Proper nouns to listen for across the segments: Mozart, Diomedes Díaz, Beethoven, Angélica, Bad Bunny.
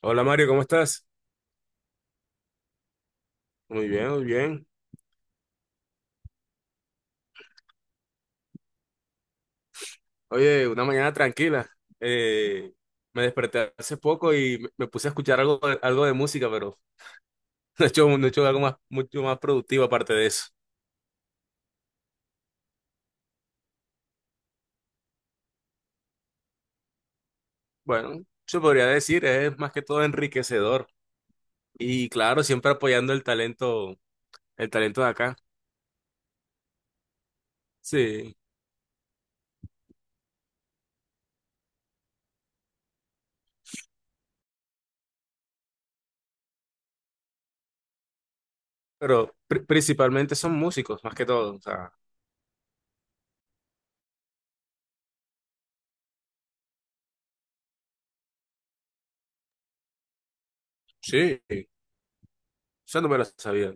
Hola Mario, ¿cómo estás? Muy bien, muy bien. Oye, una mañana tranquila. Eh, Me desperté hace poco y me puse a escuchar algo, algo de música, pero no he hecho algo más, mucho más productivo aparte de eso. Bueno, se podría decir, es más que todo enriquecedor. Y claro, siempre apoyando el talento de acá. Sí, pero principalmente son músicos, más que todo. O sea, sí, eso no me lo sabía.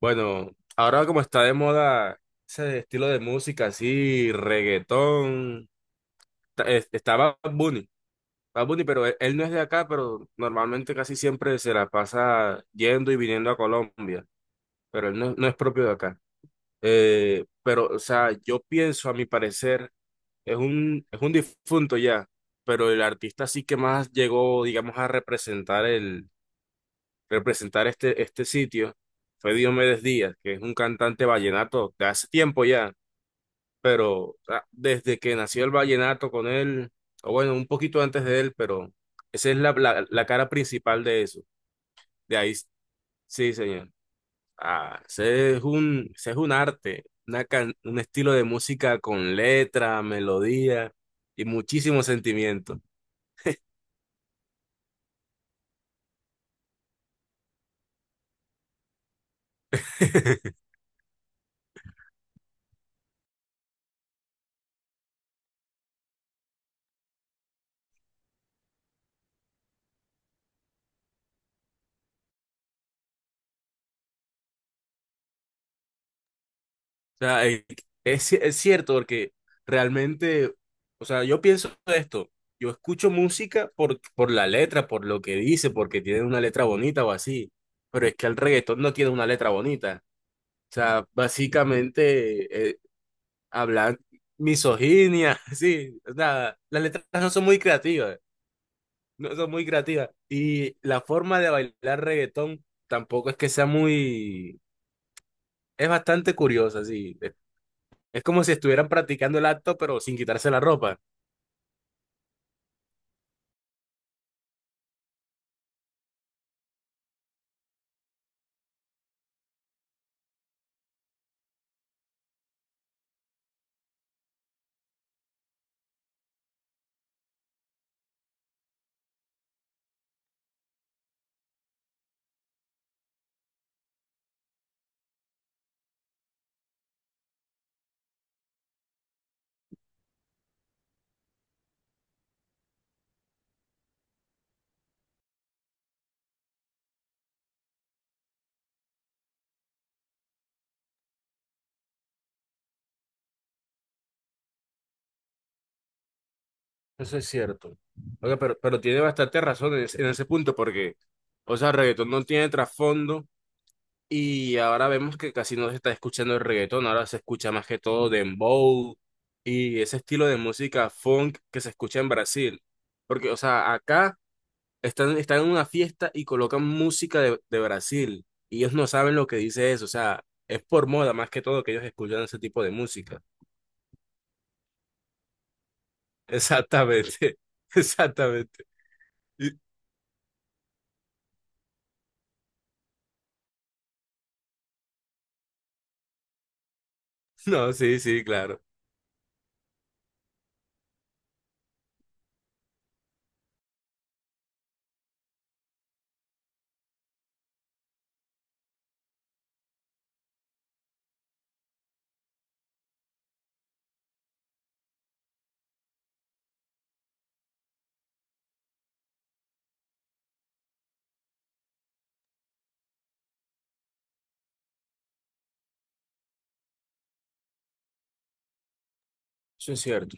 Bueno, ahora como está de moda ese estilo de música así, reggaetón, está Bad Bunny, Bad Bunny, pero él no es de acá, pero normalmente casi siempre se la pasa yendo y viniendo a Colombia, pero él no, no es propio de acá. Pero, o sea, yo pienso, a mi parecer, es es un difunto ya, pero el artista sí que más llegó, digamos, a representar este sitio fue Diomedes Díaz, que es un cantante vallenato de hace tiempo ya, pero desde que nació el vallenato con él, o bueno, un poquito antes de él, pero esa es la cara principal de eso. De ahí, sí, señor. Ah, ese es ese es un arte, un estilo de música con letra, melodía y muchísimo sentimiento. Sea, es cierto porque realmente, o sea, yo pienso esto, yo escucho música por la letra, por lo que dice, porque tiene una letra bonita o así, pero es que el reggaetón no tiene una letra bonita. O sea, básicamente hablan misoginia, sí, o sea, las letras no son muy creativas, no son muy creativas. Y la forma de bailar reggaetón tampoco es que sea muy, es bastante curiosa, sí. Es como si estuvieran practicando el acto, pero sin quitarse la ropa. Eso es cierto. Oiga, pero tiene bastante razón en en ese punto, porque, o sea, el reggaetón no tiene trasfondo y ahora vemos que casi no se está escuchando el reggaetón, ahora se escucha más que todo dembow y ese estilo de música funk que se escucha en Brasil. Porque, o sea, acá están, están en una fiesta y colocan música de Brasil y ellos no saben lo que dice eso, o sea, es por moda más que todo que ellos escuchan ese tipo de música. Exactamente, exactamente. Y. No, sí, sí, claro. Eso es cierto.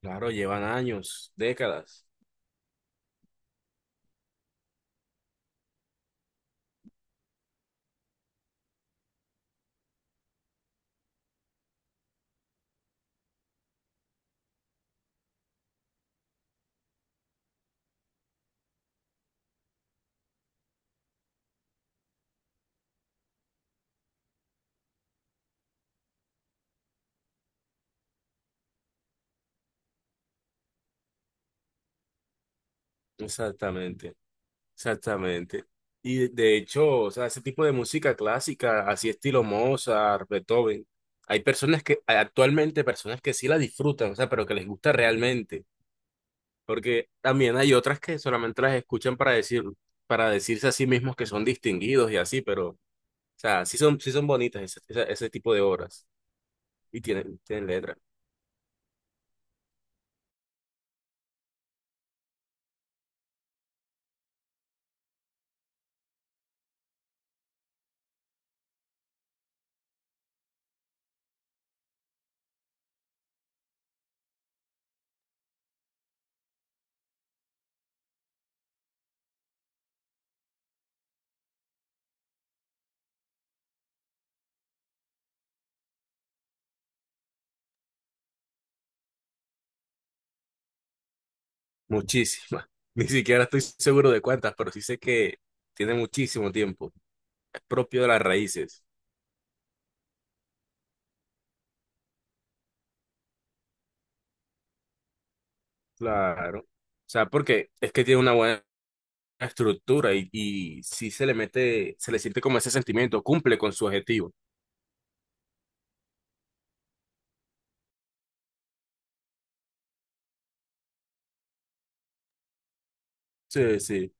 Claro, llevan años, décadas. Exactamente, exactamente. Y de hecho, o sea, ese tipo de música clásica, así estilo Mozart, Beethoven, hay personas hay actualmente personas que sí la disfrutan, o sea, pero que les gusta realmente. Porque también hay otras que solamente las escuchan para decir, para decirse a sí mismos que son distinguidos y así, pero, o sea, sí son bonitas ese tipo de obras. Y tienen, tienen letras. Muchísimas. Ni siquiera estoy seguro de cuántas, pero sí sé que tiene muchísimo tiempo. Es propio de las raíces. Claro. O sea, porque es que tiene una buena estructura y sí se le mete, se le siente como ese sentimiento, cumple con su objetivo. Sí, sí.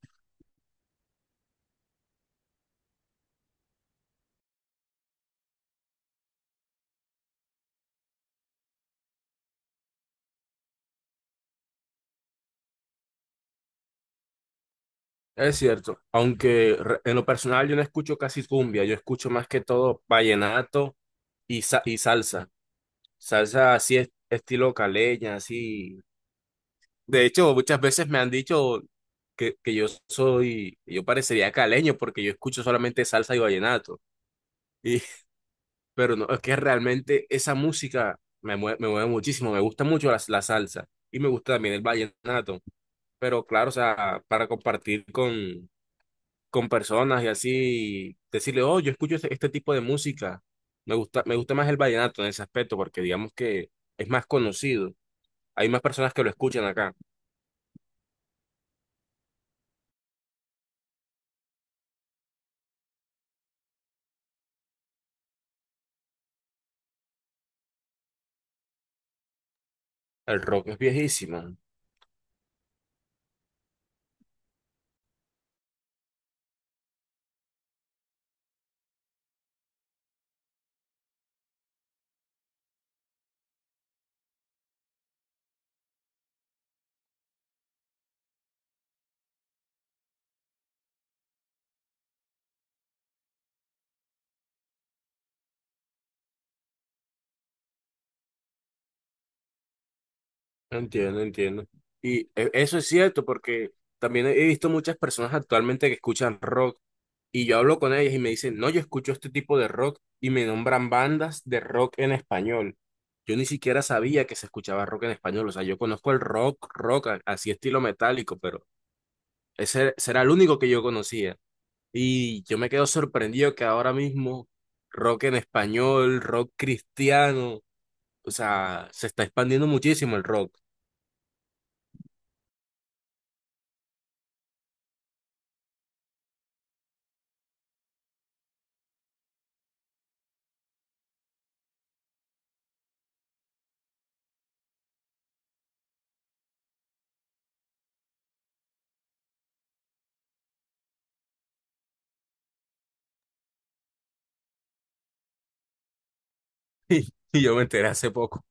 Es cierto. Aunque en lo personal yo no escucho casi cumbia, yo escucho más que todo vallenato y, y salsa. Salsa así es, estilo caleña, así. De hecho, muchas veces me han dicho que yo soy, yo parecería caleño porque yo escucho solamente salsa y vallenato. Y, pero no, es que realmente esa música me mueve muchísimo, me gusta mucho la salsa y me gusta también el vallenato. Pero claro, o sea, para compartir con personas y así, decirle, oh, yo escucho este tipo de música, me gusta más el vallenato en ese aspecto porque digamos que es más conocido, hay más personas que lo escuchan acá. El rock es viejísimo. Entiendo, entiendo. Y eso es cierto porque también he visto muchas personas actualmente que escuchan rock y yo hablo con ellas y me dicen, no, yo escucho este tipo de rock y me nombran bandas de rock en español. Yo ni siquiera sabía que se escuchaba rock en español, o sea, yo conozco el rock, así estilo metálico, pero ese será el único que yo conocía. Y yo me quedo sorprendido que ahora mismo rock en español, rock cristiano, o sea, se está expandiendo muchísimo el rock. Y yo me enteré hace poco.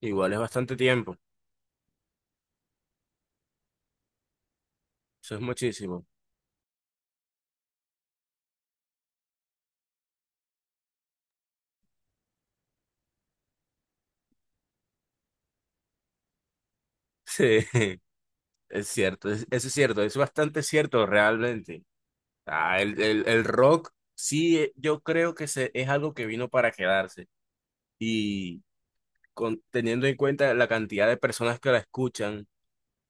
Igual es bastante tiempo. Eso es muchísimo. Sí, es cierto. Eso es cierto. Es bastante cierto realmente. Ah, el rock, sí, yo creo es algo que vino para quedarse. Y con, teniendo en cuenta la cantidad de personas que la escuchan,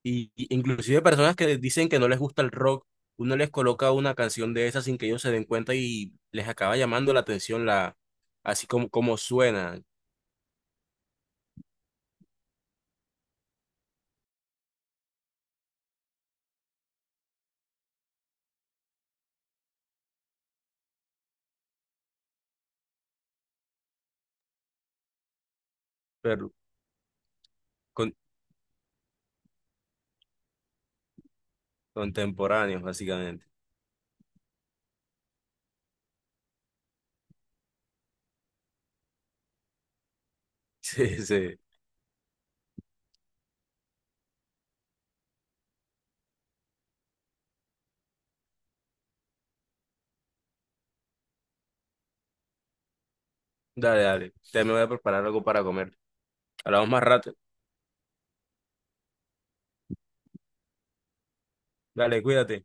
y inclusive personas que dicen que no les gusta el rock, uno les coloca una canción de esas sin que ellos se den cuenta y les acaba llamando la atención la, así como, como suena. Pero, con- Contemporáneos, básicamente. Sí, sí. Dale, dale. Ya me voy a preparar algo para comer. Hablamos más rato. Dale, cuídate.